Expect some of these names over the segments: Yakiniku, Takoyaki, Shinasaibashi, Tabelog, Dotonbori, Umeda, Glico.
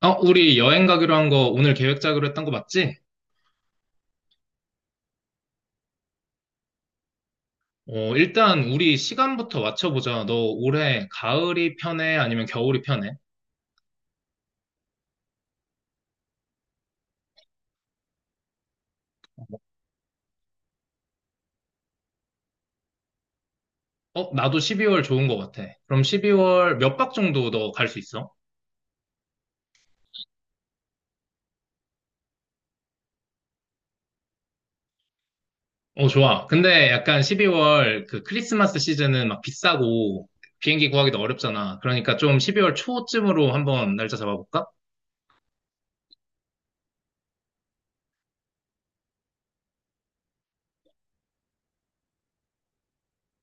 우리 여행 가기로 한 거 오늘 계획 짜기로 했던 거 맞지? 일단 우리 시간부터 맞춰보자. 너 올해 가을이 편해? 아니면 겨울이 편해? 나도 12월 좋은 거 같아. 그럼 12월 몇 박 정도 너 갈 수 있어? 좋아. 근데 약간 12월 그 크리스마스 시즌은 막 비싸고 비행기 구하기도 어렵잖아. 그러니까 좀 12월 초쯤으로 한번 날짜 잡아볼까?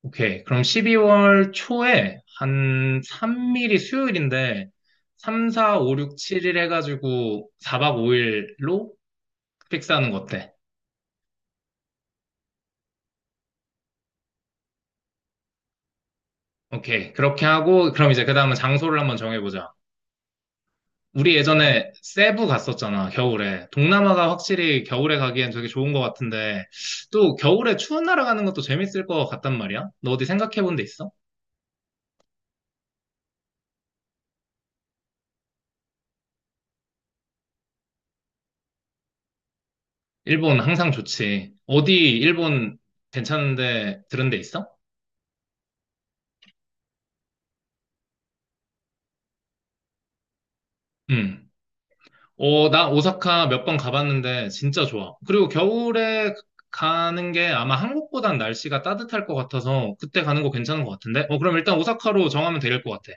오케이. 그럼 12월 초에 한 3일이 수요일인데, 3, 4, 5, 6, 7일 해가지고 4박 5일로 픽스하는 거 어때? 오케이. 그렇게 하고, 그럼 이제 그 다음은 장소를 한번 정해보자. 우리 예전에 세부 갔었잖아, 겨울에. 동남아가 확실히 겨울에 가기엔 되게 좋은 것 같은데, 또 겨울에 추운 나라 가는 것도 재밌을 것 같단 말이야? 너 어디 생각해본 데 있어? 일본 항상 좋지. 어디 일본 괜찮은데 들은 데 있어? 응. 나 오사카 몇 번 가봤는데 진짜 좋아. 그리고 겨울에 가는 게 아마 한국보단 날씨가 따뜻할 것 같아서 그때 가는 거 괜찮은 것 같은데? 그럼 일단 오사카로 정하면 될 것 같아.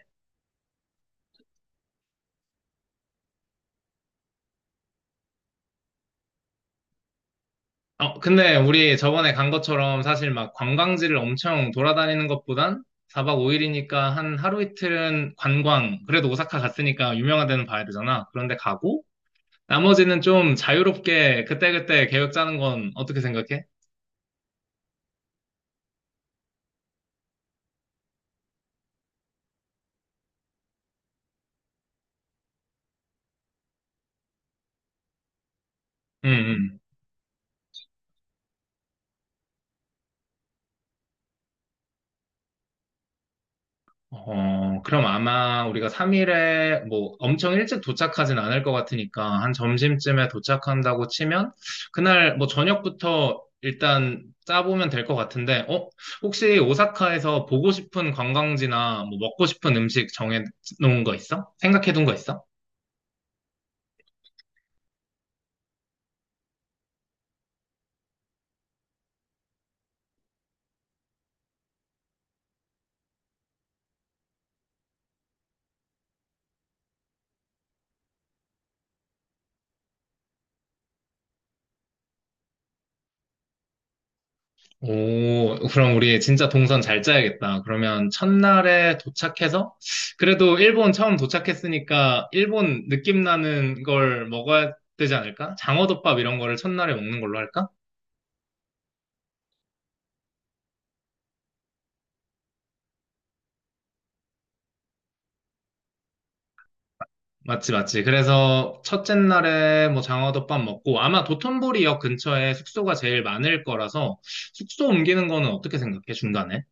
근데 우리 저번에 간 것처럼 사실 막 관광지를 엄청 돌아다니는 것보단 4박 5일이니까 한 하루 이틀은 관광, 그래도 오사카 갔으니까 유명한 데는 봐야 되잖아. 그런데 가고, 나머지는 좀 자유롭게 그때그때 계획 짜는 건 어떻게 생각해? 응, 응. 그럼 아마 우리가 3일에 뭐 엄청 일찍 도착하진 않을 것 같으니까 한 점심쯤에 도착한다고 치면 그날 뭐 저녁부터 일단 짜보면 될 것 같은데? 혹시 오사카에서 보고 싶은 관광지나 뭐 먹고 싶은 음식 정해 놓은 거 있어? 생각해 둔 거 있어? 오, 그럼 우리 진짜 동선 잘 짜야겠다. 그러면 첫날에 도착해서, 그래도 일본 처음 도착했으니까 일본 느낌 나는 걸 먹어야 되지 않을까? 장어덮밥 이런 거를 첫날에 먹는 걸로 할까? 맞지, 맞지. 그래서 첫째 날에 뭐 장어덮밥 먹고, 아마 도톤보리역 근처에 숙소가 제일 많을 거라서 숙소 옮기는 거는 어떻게 생각해? 중간에?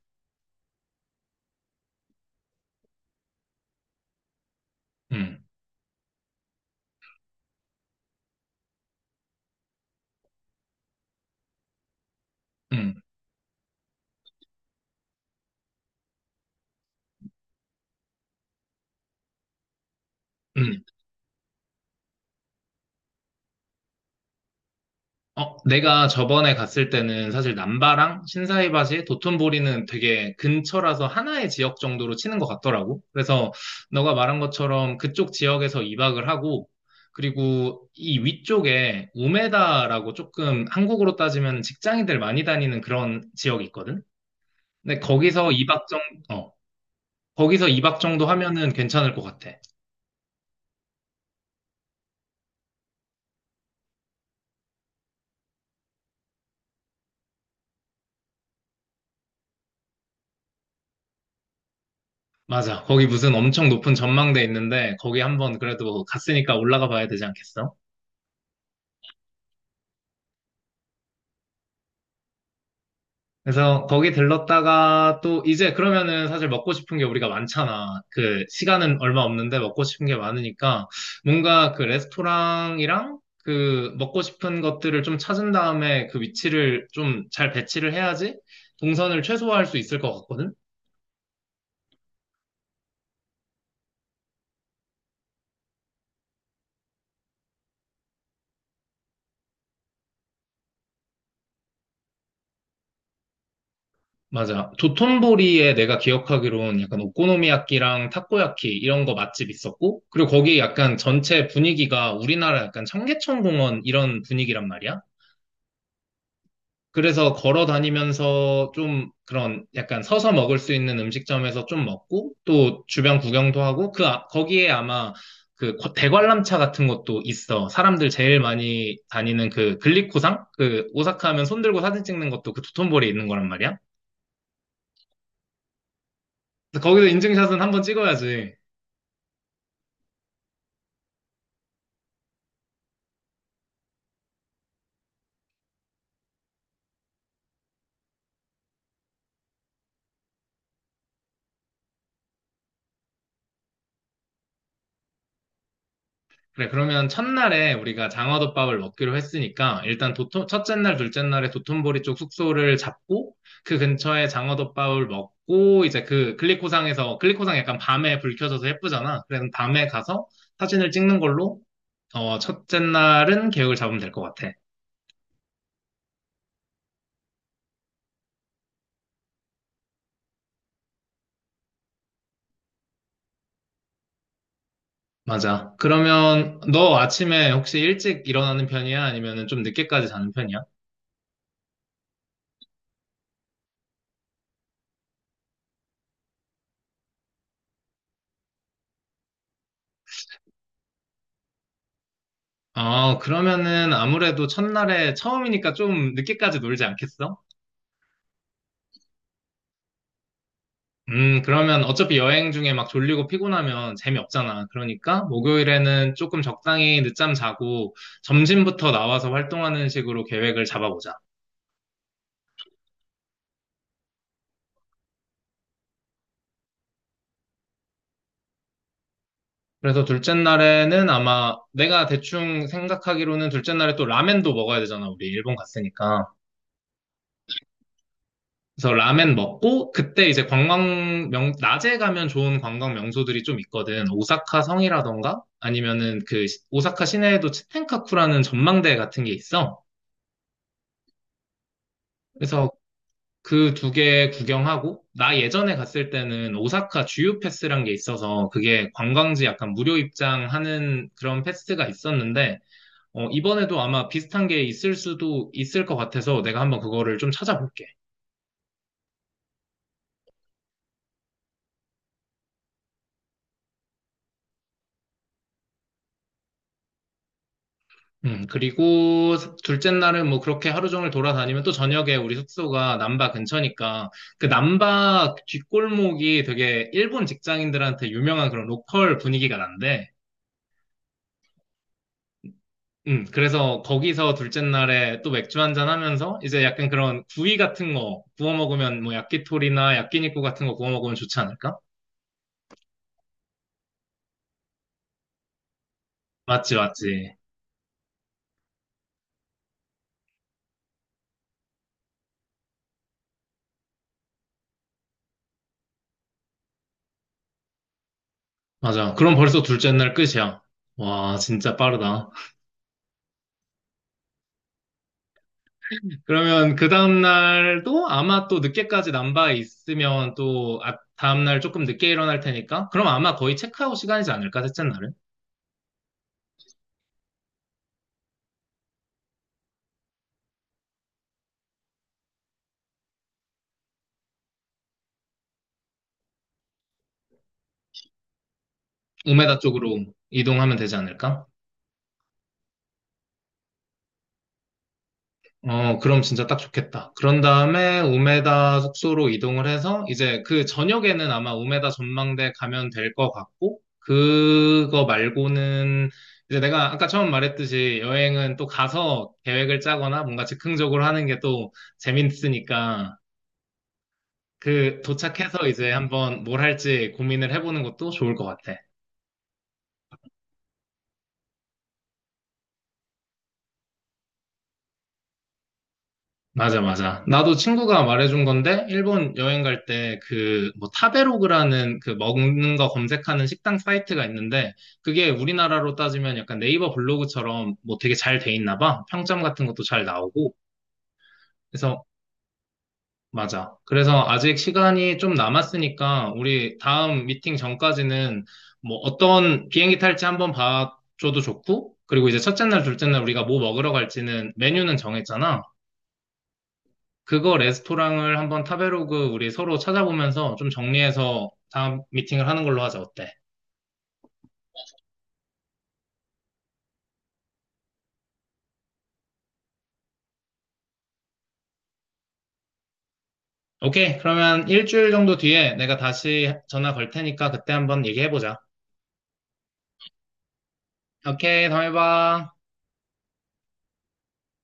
응, 응, 응. 내가 저번에 갔을 때는 사실 남바랑 신사이바시, 도톤보리는 되게 근처라서 하나의 지역 정도로 치는 것 같더라고. 그래서 너가 말한 것처럼 그쪽 지역에서 2박을 하고, 그리고 이 위쪽에 우메다라고 조금 한국으로 따지면 직장인들 많이 다니는 그런 지역이 있거든? 근데 거기서 어, 거기서 2박 정도 하면은 괜찮을 것 같아. 맞아. 거기 무슨 엄청 높은 전망대 있는데, 거기 한번 그래도 갔으니까 올라가 봐야 되지 않겠어? 그래서 거기 들렀다가 또 이제 그러면은 사실 먹고 싶은 게 우리가 많잖아. 그 시간은 얼마 없는데 먹고 싶은 게 많으니까 뭔가 그 레스토랑이랑 그 먹고 싶은 것들을 좀 찾은 다음에 그 위치를 좀 잘 배치를 해야지 동선을 최소화할 수 있을 것 같거든? 맞아. 도톤보리에 내가 기억하기로는 약간 오코노미야끼랑 타코야키 이런 거 맛집 있었고 그리고 거기 약간 전체 분위기가 우리나라 약간 청계천 공원 이런 분위기란 말이야. 그래서 걸어 다니면서 좀 그런 약간 서서 먹을 수 있는 음식점에서 좀 먹고 또 주변 구경도 하고 그 거기에 아마 그 대관람차 같은 것도 있어. 사람들 제일 많이 다니는 그 글리코상? 그 오사카 하면 손 들고 사진 찍는 것도 그 도톤보리 있는 거란 말이야. 그래서 거기서 인증샷은 한번 찍어야지. 그래, 그러면 첫날에 우리가 장어덮밥을 먹기로 했으니까 일단 첫째 날, 둘째 날에 도톤보리 쪽 숙소를 잡고 그 근처에 장어덮밥을 먹고 이제 그 글리코상에서, 글리코상 약간 밤에 불 켜져서 예쁘잖아. 그래서 밤에 가서 사진을 찍는 걸로 첫째 날은 계획을 잡으면 될 것 같아. 맞아. 그러면 너 아침에 혹시 일찍 일어나는 편이야? 아니면은 좀 늦게까지 자는 편이야? 그러면은 아무래도 첫날에 처음이니까 좀 늦게까지 놀지 않겠어? 그러면 어차피 여행 중에 막 졸리고 피곤하면 재미없잖아. 그러니까 목요일에는 조금 적당히 늦잠 자고 점심부터 나와서 활동하는 식으로 계획을 잡아보자. 그래서 둘째 날에는 아마 내가 대충 생각하기로는 둘째 날에 또 라멘도 먹어야 되잖아. 우리 일본 갔으니까. 그래서 라멘 먹고 그때 이제 관광 낮에 가면 좋은 관광 명소들이 좀 있거든. 오사카 성이라던가 아니면은 그 오사카 시내에도 치텐카쿠라는 전망대 같은 게 있어. 그래서 그 두 개 구경하고, 나 예전에 갔을 때는 오사카 주유 패스란 게 있어서, 그게 관광지 약간 무료 입장하는 그런 패스가 있었는데, 이번에도 아마 비슷한 게 있을 수도 있을 것 같아서 내가 한번 그거를 좀 찾아볼게. 그리고 둘째 날은 뭐 그렇게 하루 종일 돌아다니면 또 저녁에 우리 숙소가 남바 근처니까 그 남바 뒷골목이 되게 일본 직장인들한테 유명한 그런 로컬 분위기가 난데 그래서 거기서 둘째 날에 또 맥주 한잔 하면서 이제 약간 그런 구이 같은 거 구워 먹으면 뭐 야끼토리나 야끼니쿠 같은 거 구워 먹으면 좋지 않을까? 맞지, 맞지. 맞아. 그럼 벌써 둘째 날 끝이야. 와, 진짜 빠르다. 그러면 그 다음 날도 아마 또 늦게까지 남바에 있으면 또 아, 다음 날 조금 늦게 일어날 테니까 그럼 아마 거의 체크아웃 시간이지 않을까? 셋째 날은? 우메다 쪽으로 이동하면 되지 않을까? 그럼 진짜 딱 좋겠다. 그런 다음에 우메다 숙소로 이동을 해서 이제 그 저녁에는 아마 우메다 전망대 가면 될 것 같고, 그거 말고는 이제 내가 아까 처음 말했듯이 여행은 또 가서 계획을 짜거나 뭔가 즉흥적으로 하는 게 또 재밌으니까 그 도착해서 이제 한번 뭘 할지 고민을 해보는 것도 좋을 것 같아. 맞아, 맞아. 나도 친구가 말해준 건데, 일본 여행 갈 때 그, 뭐, 타베로그라는 그 먹는 거 검색하는 식당 사이트가 있는데, 그게 우리나라로 따지면 약간 네이버 블로그처럼 뭐 되게 잘 돼 있나 봐. 평점 같은 것도 잘 나오고. 그래서, 맞아. 그래서 아직 시간이 좀 남았으니까, 우리 다음 미팅 전까지는 뭐 어떤 비행기 탈지 한번 봐줘도 좋고, 그리고 이제 첫째 날, 둘째 날 우리가 뭐 먹으러 갈지는 메뉴는 정했잖아. 그거 레스토랑을 한번 타베로그 우리 서로 찾아보면서 좀 정리해서 다음 미팅을 하는 걸로 하자. 어때? 오케이. 그러면 일주일 정도 뒤에 내가 다시 전화 걸 테니까 그때 한번 얘기해보자. 오케이. 다음에 봐.